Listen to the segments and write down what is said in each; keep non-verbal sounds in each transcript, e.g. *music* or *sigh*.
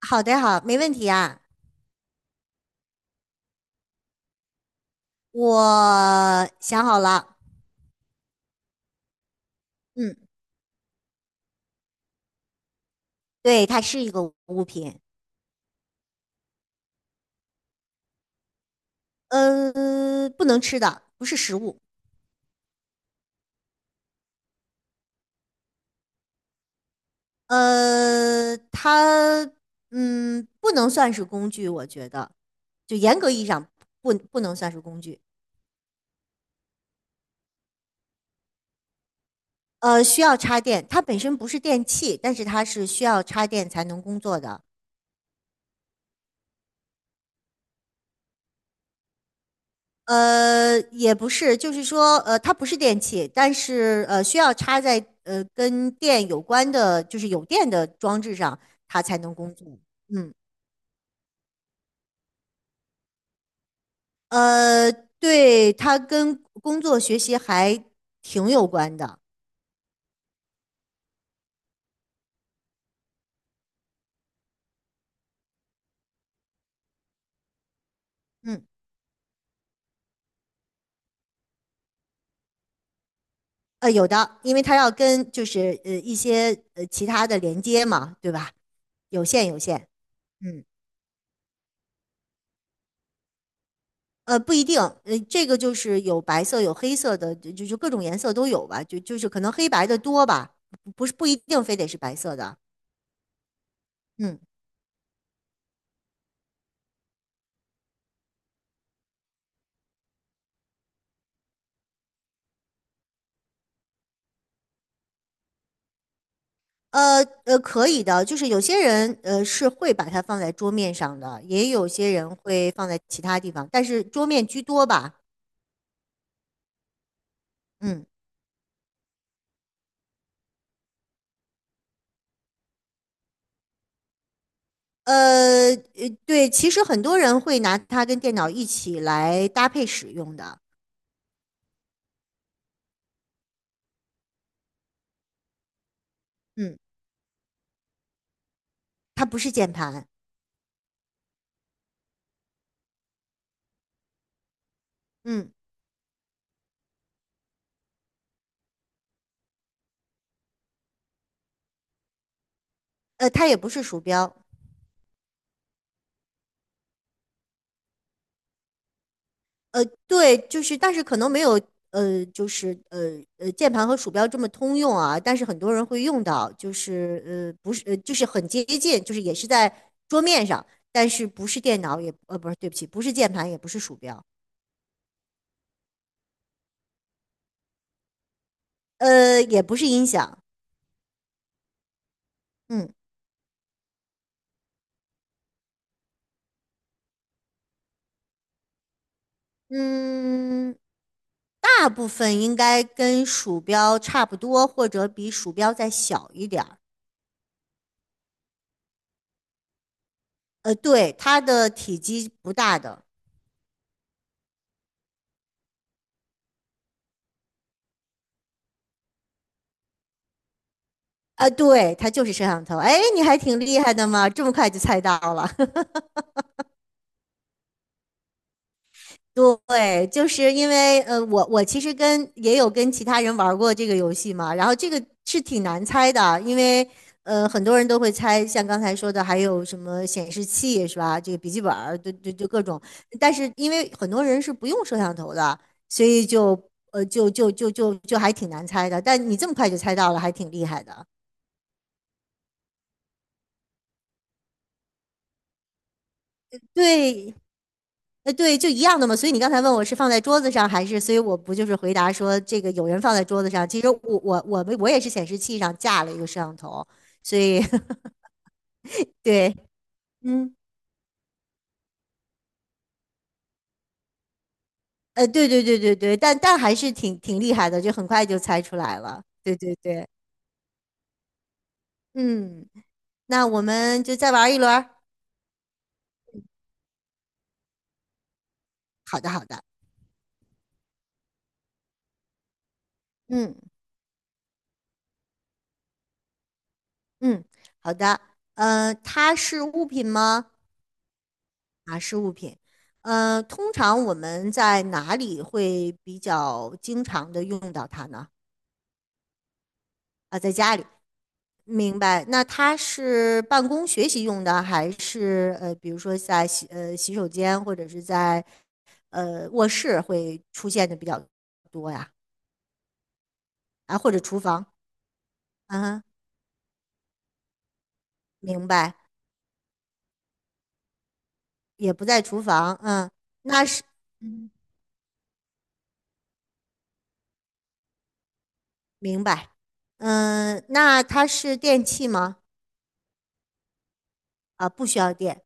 好的，好，没问题啊。我想好了，嗯，对，它是一个物品，呃，不能吃的，不是食物，呃，它，不能算是工具，我觉得，就严格意义上不能算是工具，需要插电，它本身不是电器，但是它是需要插电才能工作的，也不是，就是说，它不是电器，但是需要插在跟电有关的，就是有电的装置上，它才能工作。嗯，呃，对，它跟工作学习还挺有关的。嗯，有的，因为它要跟就是一些其他的连接嘛，对吧？有线，有线。嗯。不一定，这个就是有白色，有黑色的，就各种颜色都有吧，就是可能黑白的多吧，不是不一定非得是白色的，嗯，可以的，就是有些人是会把它放在桌面上的，也有些人会放在其他地方，但是桌面居多吧。嗯，对，其实很多人会拿它跟电脑一起来搭配使用的。嗯，它不是键盘。嗯，它也不是鼠标。对，就是，但是可能没有，就是键盘和鼠标这么通用啊，但是很多人会用到，就是不是，就是很接近，就是也是在桌面上，但是不是电脑也，不是，对不起，不是键盘，也不是鼠标。也不是音响。嗯嗯，大部分应该跟鼠标差不多，或者比鼠标再小一点儿。对，它的体积不大的。啊，对，它就是摄像头。哎，你还挺厉害的嘛，这么快就猜到了。*laughs* 对，就是因为我其实跟也有跟其他人玩过这个游戏嘛，然后这个是挺难猜的，因为很多人都会猜，像刚才说的，还有什么显示器是吧？这个笔记本儿，就对，就各种。但是因为很多人是不用摄像头的，所以就还挺难猜的。但你这么快就猜到了，还挺厉害的。对，对，就一样的嘛。所以你刚才问我是放在桌子上还是，所以我不就是回答说这个有人放在桌子上。其实我们也是显示器上架了一个摄像头，所以 *laughs* 对，嗯，对对对对对，但还是挺厉害的，就很快就猜出来了。对对对，嗯，那我们就再玩一轮儿。好的，嗯嗯，好的。它是物品吗？啊，是物品。通常我们在哪里会比较经常的用到它呢？啊，在家里，明白。那它是办公学习用的，还是比如说在洗手间或者是在卧室会出现的比较多呀？啊，或者厨房？嗯哼，明白。也不在厨房，嗯，那是，嗯，明白。嗯，那它是电器吗？啊，不需要电。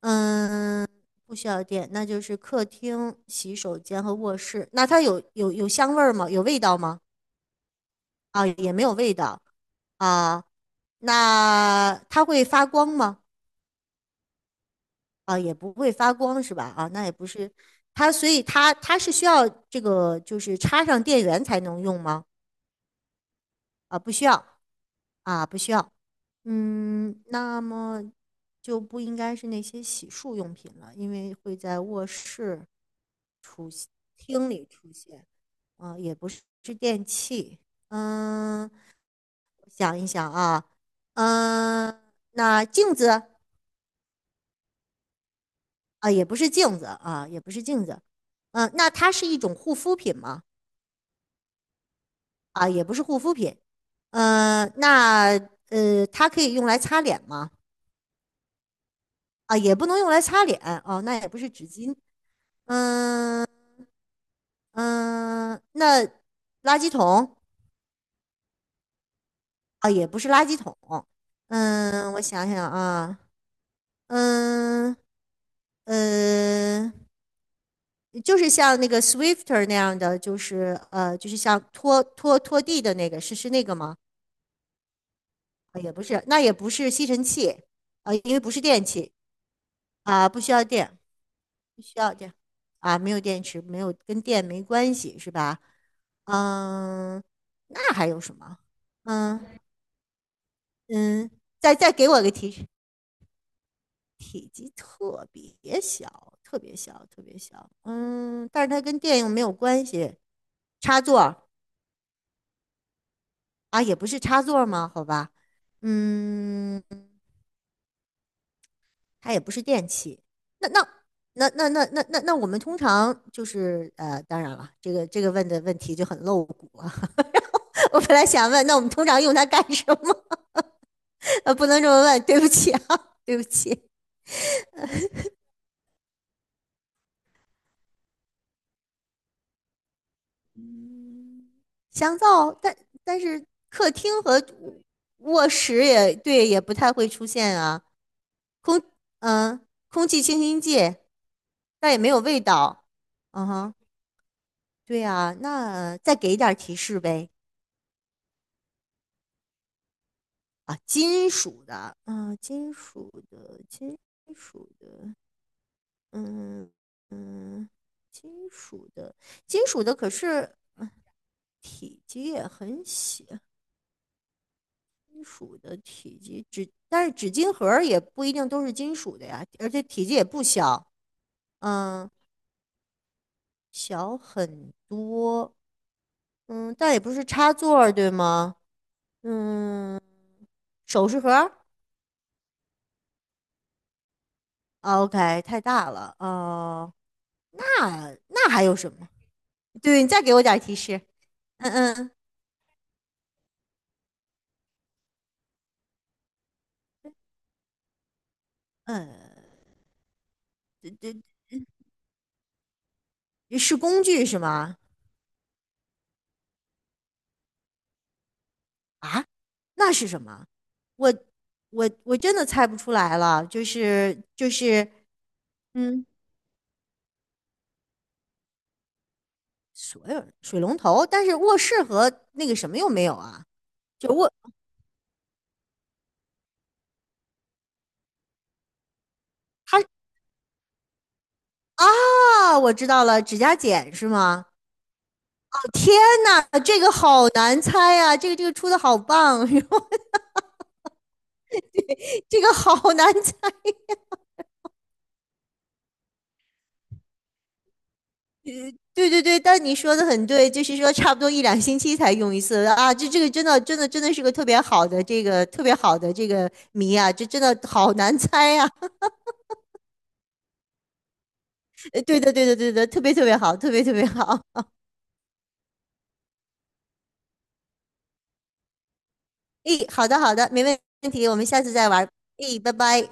嗯，不需要电，那就是客厅、洗手间和卧室。那它有香味儿吗？有味道吗？啊，也没有味道啊。那它会发光吗？啊，也不会发光是吧？啊，那也不是它，所以它是需要这个就是插上电源才能用吗？啊，不需要啊，不需要。嗯，那么就不应该是那些洗漱用品了，因为会在卧室、厅里出现。啊，也不是电器。嗯，我想一想啊。嗯，那镜子。啊，也不是镜子啊，也不是镜子。嗯，那它是一种护肤品吗？啊，也不是护肤品。嗯，那它可以用来擦脸吗？啊，也不能用来擦脸。哦，那也不是纸巾。嗯嗯，那垃圾桶。啊，也不是垃圾桶。嗯，我想想啊。嗯呃，就是像那个 Swifter 那样的，就是就是像拖地的那个，是那个吗？啊，也不是，那也不是吸尘器。啊，因为不是电器啊，不需要电，不需要电啊，没有电池，没有跟电没关系是吧？嗯，那还有什么？嗯嗯，再给我个提示。体积特别小，特别小，特别小。嗯，但是它跟电影没有关系。插座。啊，也不是插座吗？好吧。嗯，它也不是电器。那那那我们通常就是当然了，这个问的问题就很露骨啊。*laughs* 我本来想问，那我们通常用它干什么？*laughs* 不能这么问，对不起啊，对不起。嗯香皂，但是客厅和卧室也对，也不太会出现啊。空，空气清新剂，但也没有味道。嗯哼，对啊，那再给一点儿提示呗。啊，金属的，啊，金属的，金属的，嗯嗯，金属的，金属的可是嗯体积也很小，金属的体积纸，但是纸巾盒也不一定都是金属的呀，而且体积也不小。嗯，小很多。嗯，但也不是插座儿对吗？嗯，首饰盒 o k 太大了，哦、那还有什么？对，你再给我点儿提示。嗯嗯嗯，是工具是吗？啊，那是什么？我我真的猜不出来了，就是，嗯。所有人水龙头，但是卧室和那个什么又没有啊？就卧它。啊，我知道了，指甲剪是吗？天哪，这个好难猜啊！这个出的好棒，*laughs* 这个好难猜。对对对，但你说的很对，就是说差不多一两星期才用一次啊。这个真的真的真的是个特别好的这个特别好的这个谜啊，这真的好难猜啊。*laughs* 对的对的对的，特别特别好，特别特别好。诶，好的好的，没问题，我们下次再玩。诶，拜拜。